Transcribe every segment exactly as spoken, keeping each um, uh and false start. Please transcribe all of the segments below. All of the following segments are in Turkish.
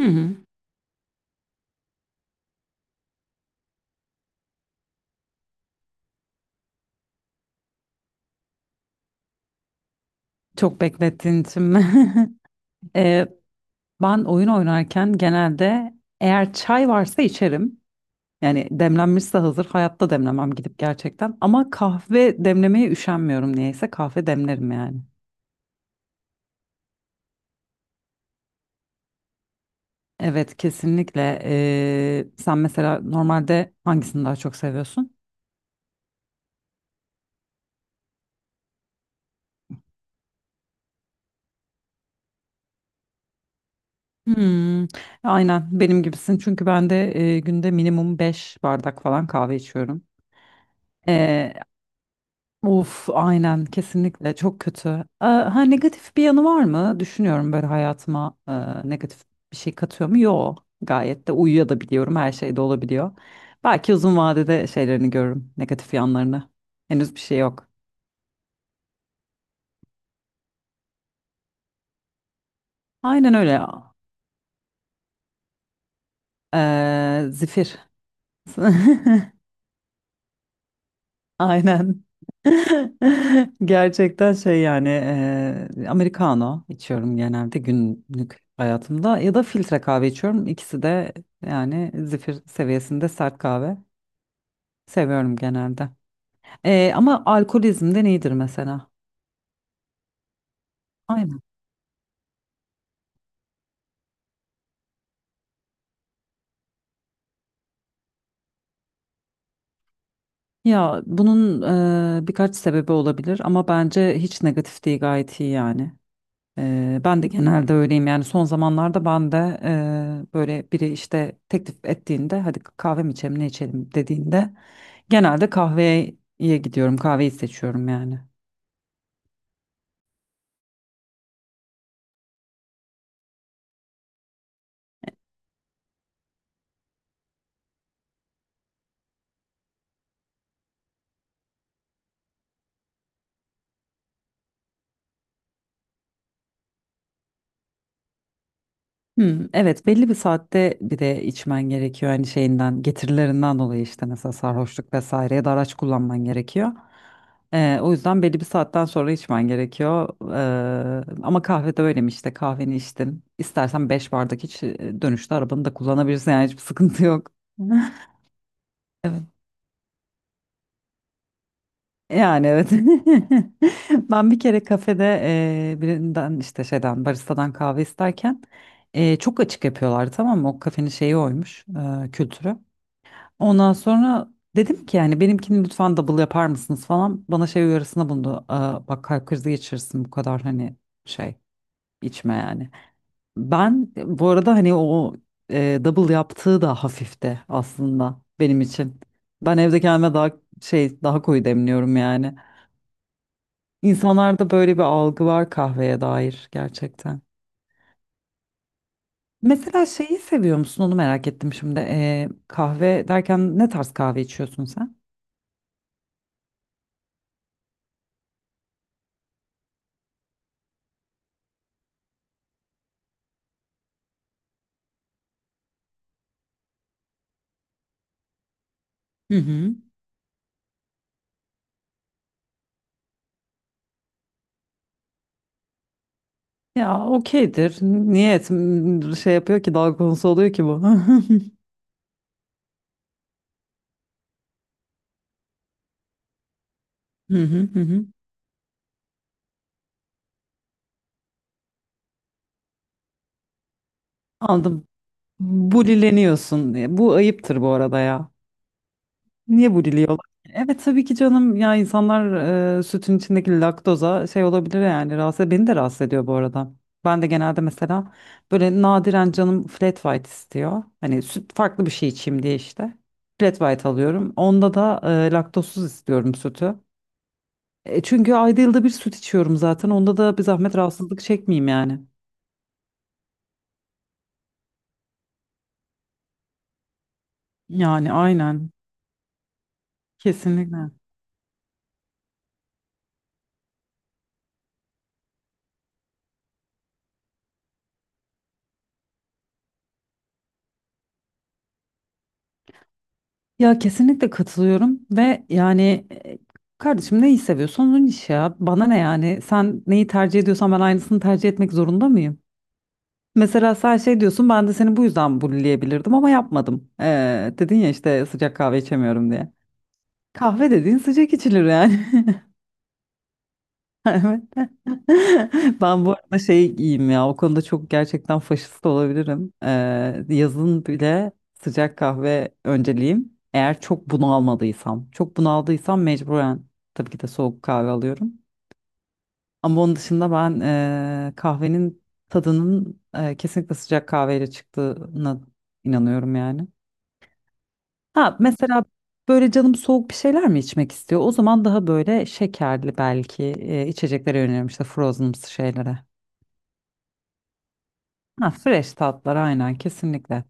Hı hı. Çok beklettiğin için mi? Ee, ben oyun oynarken genelde eğer çay varsa içerim. Yani demlenmişse hazır, hayatta demlemem gidip gerçekten. Ama kahve demlemeye üşenmiyorum niyeyse, kahve demlerim yani. Evet, kesinlikle. Ee, sen mesela normalde hangisini daha çok seviyorsun? Hmm, aynen benim gibisin çünkü ben de e, günde minimum beş bardak falan kahve içiyorum. Ee, Of, aynen kesinlikle, çok kötü. Ee, ha negatif bir yanı var mı? Düşünüyorum, böyle hayatıma e, negatif bir şey katıyor mu? Yok. Gayet de uyuyabiliyorum. Her şey de olabiliyor. Belki uzun vadede şeylerini görürüm, negatif yanlarını. Henüz bir şey yok. Aynen öyle. Ee, zifir. Aynen. Gerçekten şey yani eee Americano içiyorum genelde günlük hayatımda ya da filtre kahve içiyorum. İkisi de yani zifir seviyesinde sert kahve seviyorum genelde. Eee, ama alkolizmden iyidir mesela. Aynen. Ya bunun eee, birkaç sebebi olabilir ama bence hiç negatif değil, gayet iyi yani. Eee, ben de genelde öyleyim yani son zamanlarda ben de eee, böyle biri işte teklif ettiğinde hadi kahve mi içelim ne içelim dediğinde, genelde kahveye gidiyorum, kahveyi seçiyorum yani. Hmm, evet, belli bir saatte bir de içmen gerekiyor hani şeyinden, getirilerinden dolayı, işte mesela sarhoşluk vesaireye de araç kullanman gerekiyor. Ee, o yüzden belli bir saatten sonra içmen gerekiyor. Ee, ama kahvede öyle mi? İşte kahveni içtin, istersen beş bardak iç, e, dönüşte arabanı da kullanabilirsin yani, hiçbir sıkıntı yok. Yani evet. Ben bir kere kafede eee, birinden, işte şeyden, baristadan kahve isterken eee, çok açık yapıyorlar, tamam mı? O kafenin şeyi oymuş, eee, kültürü. Ondan sonra dedim ki yani, "Benimkini lütfen double yapar mısınız" falan. Bana şey uyarısında bulundu. "Aa, bak, kalp krizi geçirirsin bu kadar, hani şey içme yani." Ben bu arada hani o e, double yaptığı da hafifti aslında benim için. Ben evde kendime daha şey, daha koyu demliyorum yani. İnsanlarda böyle bir algı var kahveye dair, gerçekten. Mesela şeyi seviyor musun, onu merak ettim şimdi. E, kahve derken ne tarz kahve içiyorsun sen? Hı hı. Ya okeydir. Niyet m- şey yapıyor ki dalga konusu oluyor ki bu? Hı hı hı. Hı. Anladım. Bulileniyorsun. E, Bu ayıptır bu arada ya. Niye buliliyorlar? Evet tabii ki canım, ya insanlar e, sütün içindeki laktoza şey olabilir yani, rahatsız, beni de rahatsız ediyor bu arada. Ben de genelde mesela böyle nadiren canım flat white istiyor. Hani süt, farklı bir şey içeyim diye, işte. Flat white alıyorum. Onda da e, laktozsuz istiyorum sütü. E, çünkü ayda yılda bir süt içiyorum zaten. Onda da bir zahmet rahatsızlık çekmeyeyim yani. Yani aynen. Kesinlikle. Ya kesinlikle katılıyorum ve yani, e, kardeşim, neyi seviyorsan onun işi ya. Bana ne yani? Sen neyi tercih ediyorsan ben aynısını tercih etmek zorunda mıyım? Mesela sen şey diyorsun, ben de seni bu yüzden bulleyebilirdim ama yapmadım. Ee, dedin ya işte, "Sıcak kahve içemiyorum" diye. Kahve dediğin sıcak içilir yani. Evet. Ben bu arada şey giyeyim ya. O konuda çok gerçekten faşist olabilirim. Ee, yazın bile sıcak kahve önceliğim, eğer çok bunalmadıysam. Çok bunaldıysam mecburen tabii ki de soğuk kahve alıyorum. Ama onun dışında ben e, kahvenin tadının e, kesinlikle sıcak kahveyle çıktığına inanıyorum yani. Ha, mesela böyle canım soğuk bir şeyler mi içmek istiyor? O zaman daha böyle şekerli belki e, içeceklere yöneliyorum, işte frozen şeylere. Ha, fresh tatlar, aynen kesinlikle.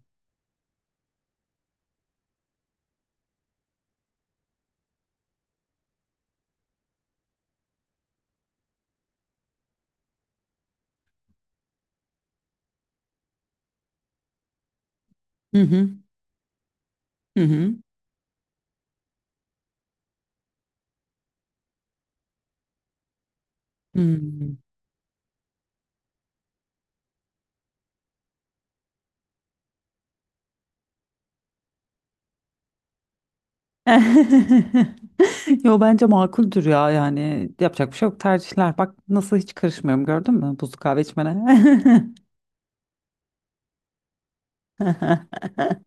Hı hı. Hı hı. Hmm. Yo, bence makuldür ya, yani yapacak bir şey yok, tercihler. Bak nasıl hiç karışmıyorum, gördün mü, buzlu kahve içmene.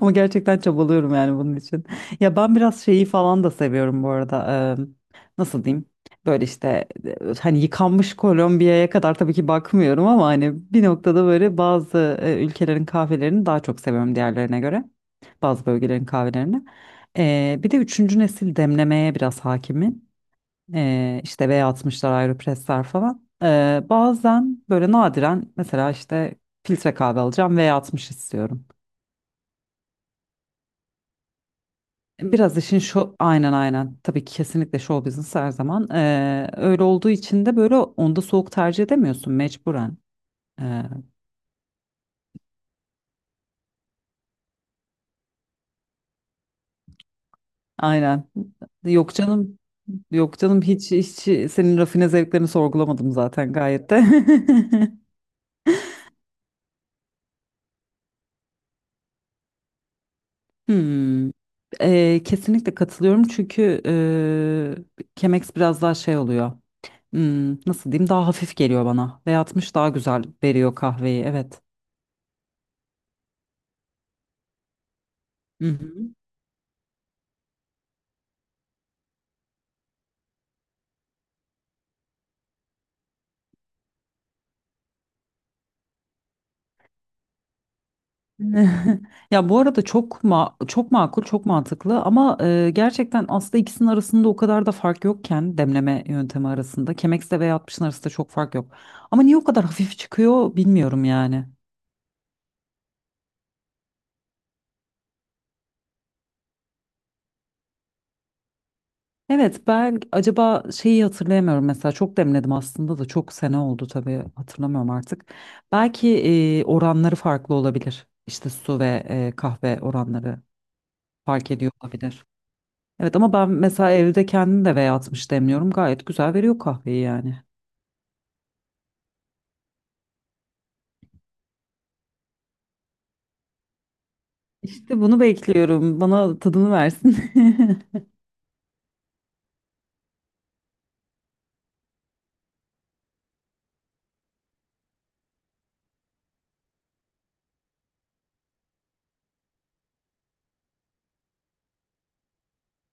Ama gerçekten çabalıyorum yani bunun için. Ya ben biraz şeyi falan da seviyorum bu arada. Eee, nasıl diyeyim? Böyle işte, e, hani yıkanmış Kolombiya'ya kadar tabii ki bakmıyorum, ama hani bir noktada böyle bazı e, ülkelerin kahvelerini daha çok seviyorum diğerlerine göre. Bazı bölgelerin kahvelerini. Eee, bir de üçüncü nesil demlemeye biraz hakimim. Eee işte V altmışlar, Aeropress'ler falan. Eee, bazen böyle nadiren, mesela işte filtre kahve alacağım, V altmış istiyorum. Biraz işin şu, aynen aynen tabii ki, kesinlikle show business her zaman. Ee, öyle olduğu için de böyle, onda soğuk tercih edemiyorsun mecburen. Ee, aynen. Yok canım, yok canım, hiç hiç senin rafine zevklerini sorgulamadım zaten, gayet de. Hmm. Ee, kesinlikle katılıyorum çünkü e, Chemex biraz daha şey oluyor. Hmm, nasıl diyeyim, daha hafif geliyor bana ve altmış daha güzel veriyor kahveyi, evet. Hı hı. Ya bu arada çok ma çok makul, çok mantıklı ama e, gerçekten aslında ikisinin arasında o kadar da fark yokken, demleme yöntemi arasında, Chemex'le ve altmışın arasında çok fark yok. Ama niye o kadar hafif çıkıyor bilmiyorum yani. Evet, ben acaba şeyi hatırlayamıyorum mesela, çok demledim aslında da çok sene oldu tabii, hatırlamıyorum artık. Belki e, oranları farklı olabilir. İşte su ve e, kahve oranları fark ediyor olabilir. Evet, ama ben mesela evde kendim de V atmış demliyorum. Gayet güzel veriyor kahveyi yani. İşte bunu bekliyorum. Bana tadını versin.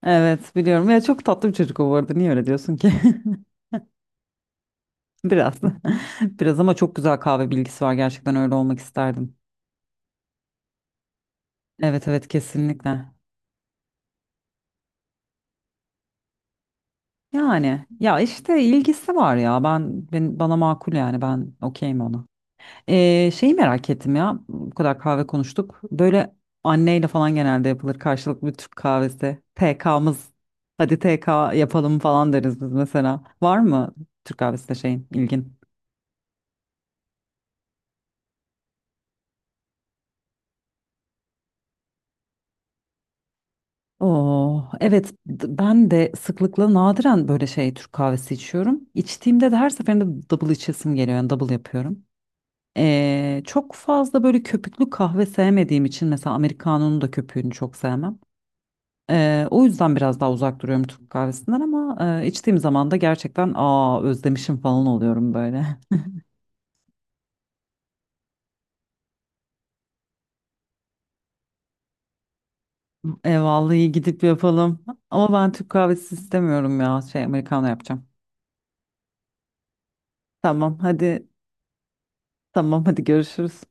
Evet biliyorum. Ya çok tatlı bir çocuk o, bu arada. Niye öyle diyorsun ki? Biraz. Biraz, ama çok güzel kahve bilgisi var. Gerçekten öyle olmak isterdim. Evet evet, kesinlikle. Yani ya işte ilgisi var ya. Ben, ben bana makul yani. Ben okeyim ona. Ee, şeyi merak ettim ya. Bu kadar kahve konuştuk. Böyle anneyle falan genelde yapılır karşılıklı bir Türk kahvesi. T K'mız. Hadi T K yapalım falan deriz biz mesela. Var mı Türk kahvesinde şeyin, ilgin? Oo, evet, d- ben de sıklıkla, nadiren böyle şey, Türk kahvesi içiyorum. İçtiğimde de her seferinde double içesim geliyor yani, double yapıyorum. Ee, çok fazla böyle köpüklü kahve sevmediğim için mesela Americano'nun da köpüğünü çok sevmem. Eee, o yüzden biraz daha uzak duruyorum Türk kahvesinden, ama eee, içtiğim zaman da gerçekten, aa, özlemişim falan oluyorum böyle. E, vallahi gidip yapalım. Ama ben Türk kahvesi istemiyorum ya. Şey, Americano yapacağım. Tamam, hadi. Tamam, hadi görüşürüz.